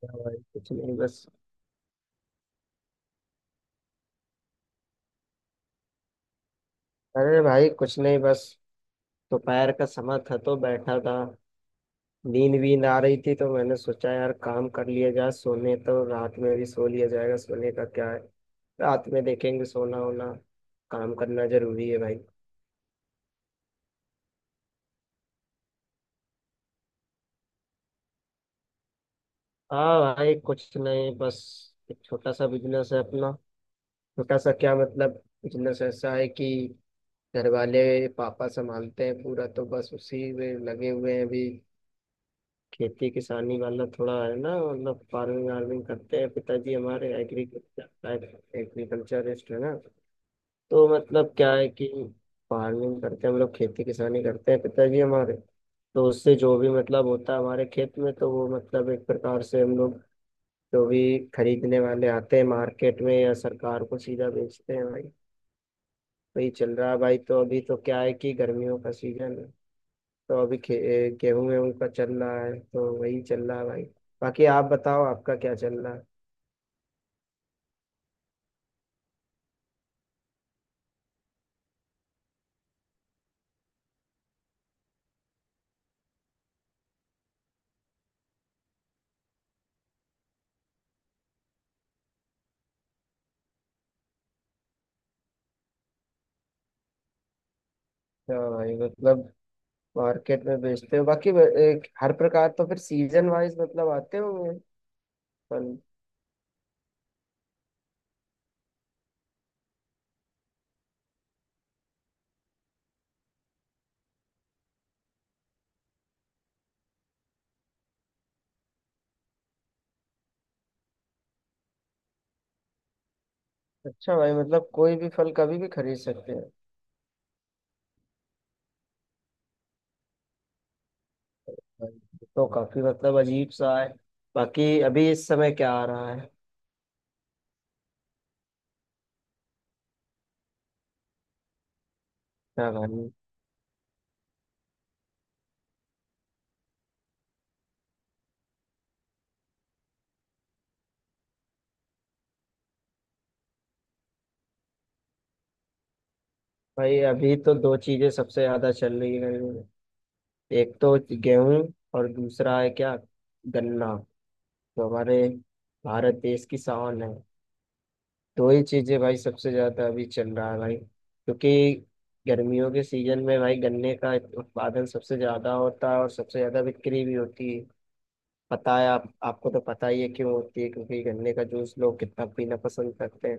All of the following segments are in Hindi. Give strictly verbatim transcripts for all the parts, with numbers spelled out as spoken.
क्या भाई, कुछ नहीं बस। अरे भाई, कुछ नहीं बस। दोपहर का समय था तो बैठा था। नींद वींद आ रही थी तो मैंने सोचा यार काम कर लिया जाए, सोने तो रात में भी सो लिया जाएगा, सोने का क्या है। रात में देखेंगे सोना होना। काम करना जरूरी है भाई। हाँ भाई, कुछ नहीं बस। एक छोटा सा बिजनेस है अपना। छोटा सा क्या मतलब, बिजनेस ऐसा है कि घर वाले, पापा संभालते हैं पूरा, तो बस उसी में लगे हुए हैं अभी। खेती किसानी वाला थोड़ा है ना, मतलब फार्मिंग वार्मिंग करते हैं पिताजी हमारे, एग्रीकल्चर एग्रीकल्चरिस्ट है ना। तो मतलब क्या है कि फार्मिंग करते हैं हम लोग, खेती किसानी करते हैं पिताजी हमारे। तो उससे जो भी मतलब होता है हमारे खेत में, तो वो मतलब एक प्रकार से हम लोग, जो भी खरीदने वाले आते हैं मार्केट में, या सरकार को सीधा बेचते हैं भाई। वही चल रहा है भाई। तो अभी तो क्या है कि गर्मियों का सीजन है। तो अभी खे- गेहूं वेहूं का चल रहा है, तो वही चल रहा है भाई। बाकी आप बताओ, आपका क्या चल रहा है। हाँ भाई मतलब, मार्केट में बेचते हो। बाकी ब- एक हर प्रकार, तो फिर सीजन वाइज मतलब आते होंगे फल। अच्छा भाई, मतलब कोई भी फल कभी भी खरीद सकते हैं। भाई, ये तो काफी मतलब अजीब सा है। बाकी अभी इस समय क्या आ रहा है। क्या भाई। भाई अभी तो दो चीजें सबसे ज्यादा चल रही है गर्मी में। एक तो गेहूं, और दूसरा है क्या, गन्ना, जो हमारे भारत देश की शान है। दो ही चीजें भाई सबसे ज्यादा अभी चल रहा है भाई, क्योंकि गर्मियों के सीजन में भाई गन्ने का उत्पादन सबसे ज्यादा होता है, और सबसे ज्यादा बिक्री भी होती है। पता है, आप आपको तो पता ही है क्यों होती है, क्योंकि गन्ने का जूस लोग कितना पीना पसंद करते हैं।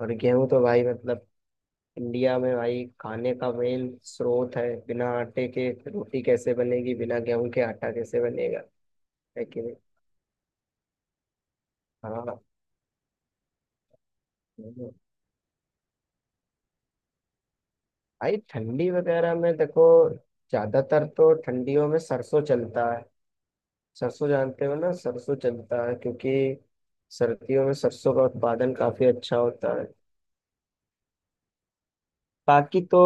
और गेहूं तो भाई मतलब इंडिया में भाई खाने का मेन स्रोत है। बिना आटे के रोटी कैसे बनेगी, बिना गेहूं के आटा कैसे बनेगा। है कि नहीं। हाँ भाई, ठंडी वगैरह में देखो, ज्यादातर तो ठंडियों में सरसों चलता है। सरसों जानते हो ना, सरसों चलता है क्योंकि सर्दियों में सरसों का उत्पादन काफी अच्छा होता है। बाकी तो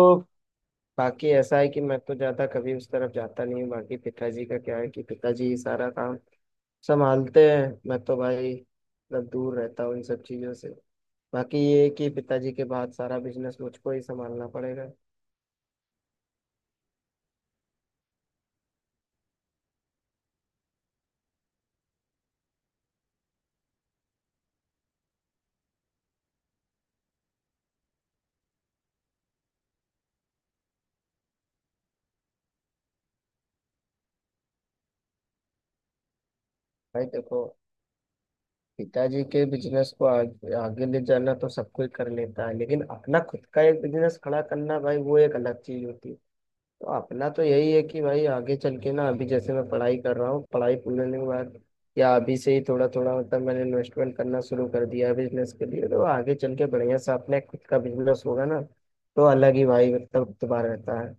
बाकी ऐसा है कि मैं तो ज्यादा कभी उस तरफ जाता नहीं हूँ। बाकी पिताजी का क्या है कि पिताजी ही सारा काम संभालते हैं, मैं तो भाई मतलब दूर रहता हूँ इन सब चीजों से। बाकी ये है कि पिताजी के बाद सारा बिजनेस मुझको ही संभालना पड़ेगा। भाई देखो, पिताजी के बिजनेस को आगे, आगे ले जाना तो सब कोई कर लेता है, लेकिन अपना खुद का एक बिजनेस खड़ा करना भाई, वो एक अलग चीज होती है। तो अपना तो यही है कि भाई आगे चल के ना, अभी जैसे मैं पढ़ाई कर रहा हूँ, पढ़ाई पूरी होने के बाद या अभी से ही थोड़ा थोड़ा मतलब मैंने इन्वेस्टमेंट करना शुरू कर दिया है बिजनेस के लिए, तो आगे चल के बढ़िया से अपने खुद का बिजनेस होगा ना। तो अलग ही भाई मतलब इतबार रहता है।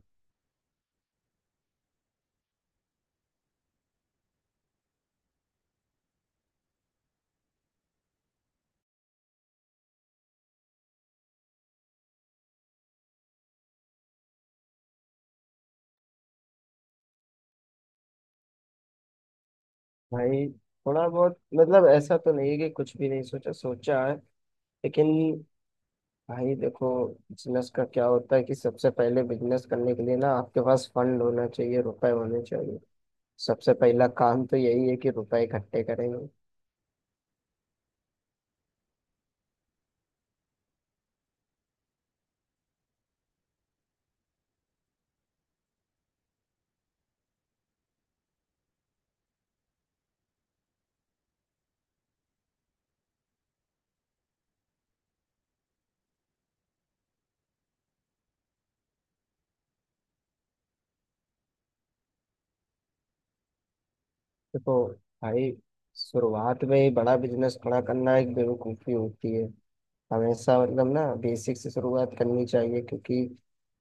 भाई थोड़ा बहुत, मतलब ऐसा तो नहीं है कि कुछ भी नहीं सोचा, सोचा है। लेकिन भाई देखो, बिजनेस का क्या होता है कि सबसे पहले बिजनेस करने के लिए ना आपके पास फंड होना चाहिए, रुपए होने चाहिए। सबसे पहला काम तो यही है कि रुपए इकट्ठे करेंगे। देखो भाई, शुरुआत में ही बड़ा बिजनेस खड़ा करना एक बेवकूफ़ी होती है। हमेशा मतलब ना बेसिक से शुरुआत करनी चाहिए, क्योंकि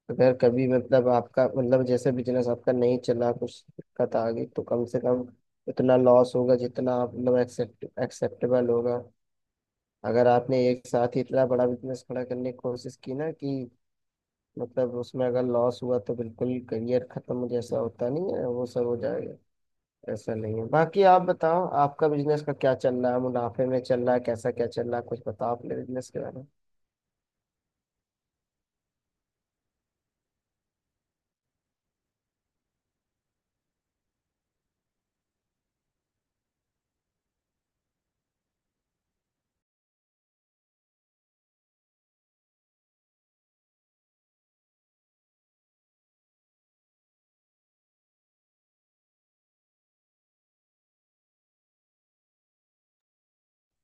अगर कभी मतलब आपका मतलब जैसे बिजनेस आपका नहीं चला, कुछ दिक्कत आ गई, तो कम से कम उतना लॉस होगा जितना आप मतलब एक्सेप्ट एक्सेप्टेबल होगा। अगर आपने एक साथ ही इतना बड़ा बिजनेस खड़ा करने की कोशिश की ना कि मतलब उसमें अगर लॉस हुआ तो बिल्कुल करियर खत्म जैसा, होता नहीं है वो सब, हो जाएगा। ऐसा नहीं है। बाकी आप बताओ, आपका बिजनेस का क्या चल रहा है, मुनाफे में चल रहा है, कैसा क्या चल रहा है, कुछ बताओ अपने बिजनेस के बारे में।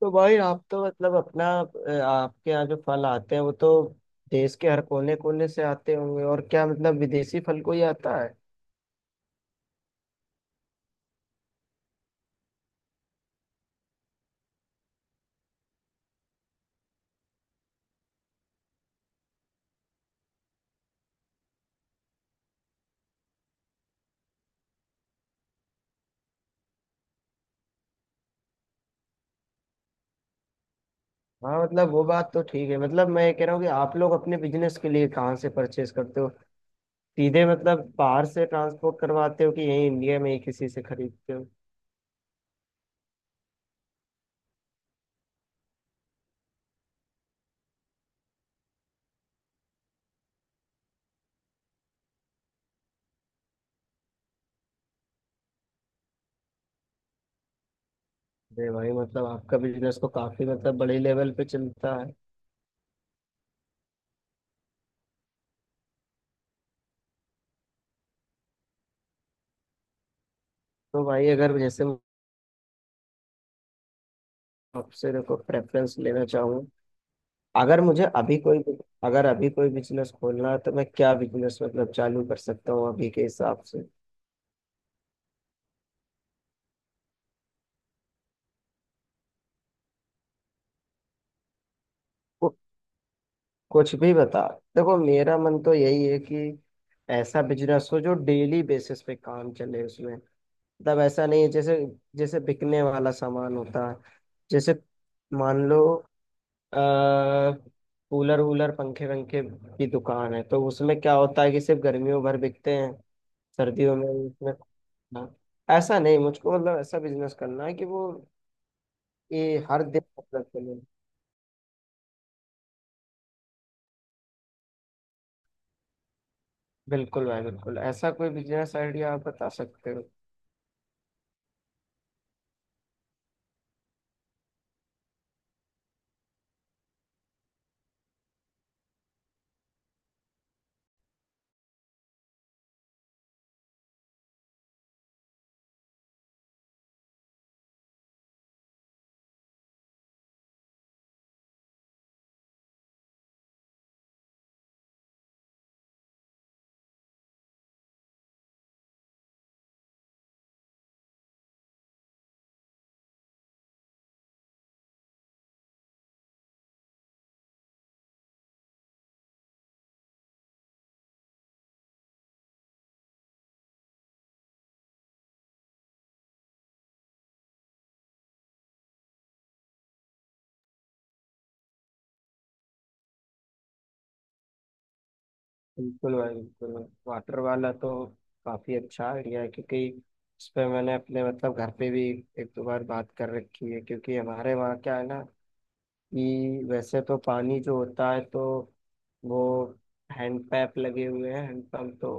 तो भाई आप तो मतलब अपना अ, आपके यहाँ जो फल आते हैं, वो तो देश के हर कोने कोने से आते होंगे। और क्या मतलब विदेशी फल कोई आता है। हाँ, मतलब वो बात तो ठीक है, मतलब मैं ये कह रहा हूँ कि आप लोग अपने बिजनेस के लिए कहाँ से परचेज करते हो। सीधे मतलब बाहर से ट्रांसपोर्ट करवाते हो, कि यहीं इंडिया में ही किसी से खरीदते हो। अरे भाई मतलब आपका बिजनेस तो काफी मतलब बड़े लेवल पे चलता है। तो भाई अगर जैसे मैं आपसे देखो प्रेफरेंस लेना चाहूँ, अगर मुझे अभी कोई अगर अभी कोई बिजनेस खोलना है, तो मैं क्या बिजनेस मतलब चालू कर सकता हूँ अभी के हिसाब से। कु- कुछ भी बता। देखो मेरा मन तो यही है कि ऐसा बिजनेस हो जो डेली बेसिस पे काम चले उसमें। मतलब ऐसा नहीं है जैसे जैसे बिकने वाला सामान होता है। जैसे मान लो, अ कूलर वूलर पंखे वंखे की दुकान है, तो उसमें क्या होता है कि सिर्फ गर्मियों भर बिकते हैं। सर्दियों में उसमें, हाँ, ऐसा नहीं, मुझको मतलब ऐसा बिजनेस करना है कि वो ये हर दिन मतलब चले। बिल्कुल भाई बिल्कुल, ऐसा कोई बिजनेस आइडिया आप बता सकते हो। बिल्कुल भाई बिल्कुल। वाटर वाला तो काफी अच्छा आइडिया है, क्योंकि इस पे मैंने अपने मतलब घर पे भी एक दो बार बात कर रखी है, क्योंकि हमारे वहाँ क्या है ना, कि वैसे तो पानी जो होता है तो वो हैंड पैप लगे हुए हैं, हैंड पंप तो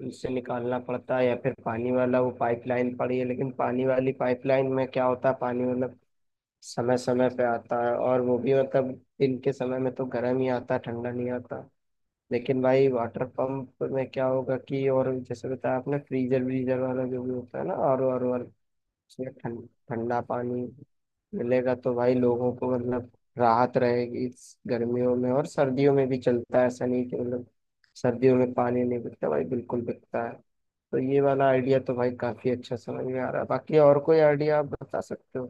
उनसे निकालना पड़ता है, या फिर पानी वाला वो पाइपलाइन पड़ी है। लेकिन पानी वाली पाइपलाइन में क्या होता है, पानी मतलब समय समय पे आता है, और वो भी मतलब दिन के समय में तो गर्म ही आता है, ठंडा नहीं आता। लेकिन भाई वाटर पंप में क्या होगा कि और जैसे बताया आपने फ्रीजर व्रीजर वाला जो भी होता है ना, R O R O R, उसमें ठंड ठंडा पानी मिलेगा, तो भाई लोगों को मतलब राहत रहेगी इस गर्मियों में। और सर्दियों में भी चलता है, ऐसा नहीं कि मतलब सर्दियों में पानी नहीं बिकता भाई, बिल्कुल बिकता है। तो ये वाला आइडिया तो भाई काफी अच्छा समझ में आ रहा है। बाकी और कोई आइडिया आप बता सकते हो।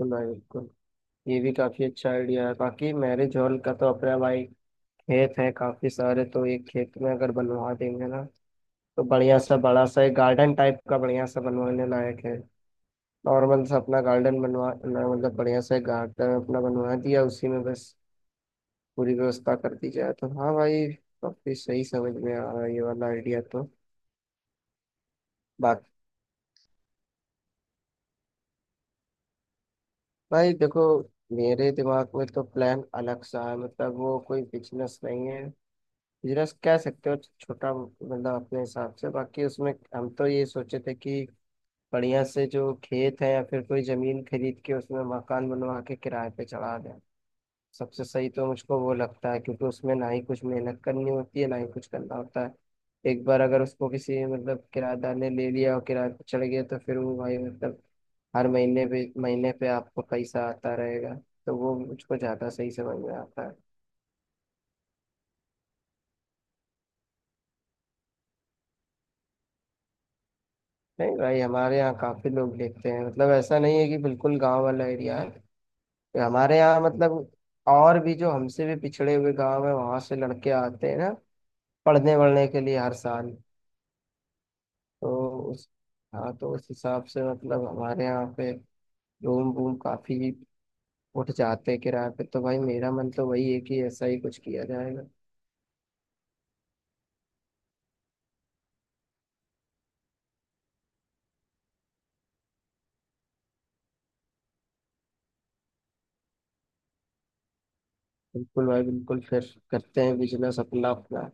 बिल्कुल भाई बिल्कुल। ये भी काफी अच्छा आइडिया है। बाकी मैरिज हॉल का तो अपना भाई खेत है काफी सारे, तो एक खेत में अगर बनवा देंगे ना। तो बढ़िया सा बड़ा सा एक गार्डन टाइप का बढ़िया सा बनवाने लायक है। नॉर्मल सा अपना गार्डन बनवा ना, मतलब बढ़िया सा एक गार्डन अपना बनवा दिया, उसी में बस पूरी व्यवस्था कर दी जाए, तो हाँ भाई। काफी सही समझ में आ रहा है ये वाला आइडिया तो। बाकी भाई देखो, मेरे दिमाग में तो प्लान अलग सा है, मतलब वो कोई बिजनेस नहीं है, बिजनेस कह सकते हो छोटा, मतलब अपने हिसाब से। बाकी उसमें हम तो ये सोचे थे कि बढ़िया से जो खेत है या फिर कोई जमीन खरीद के उसमें मकान बनवा के किराए पे चढ़ा दें। सबसे सही तो मुझको वो लगता है, क्योंकि उसमें ना ही कुछ मेहनत करनी होती है, ना ही कुछ करना होता है। एक बार अगर उसको किसी मतलब किराएदार ने ले लिया और किराए पे चढ़ गया, तो फिर वो भाई मतलब हर महीने पे महीने पे आपको पैसा आता रहेगा। तो वो मुझको ज़्यादा सही समझ में आता है। नहीं भाई, हमारे यहाँ काफ़ी लोग देखते हैं, मतलब ऐसा नहीं है कि बिल्कुल गांव वाला एरिया है हमारे यहाँ, मतलब और भी जो हमसे भी पिछड़े हुए गांव है वहां से लड़के आते हैं ना, पढ़ने वढ़ने के लिए हर साल। तो उस हाँ, तो उस हिसाब से मतलब हमारे यहाँ पे रूम वूम काफी उठ जाते हैं किराए पे, तो भाई मेरा मन तो वही है कि ऐसा ही कुछ किया जाएगा। बिल्कुल भाई बिल्कुल, फिर करते हैं बिजनेस अपना अपना।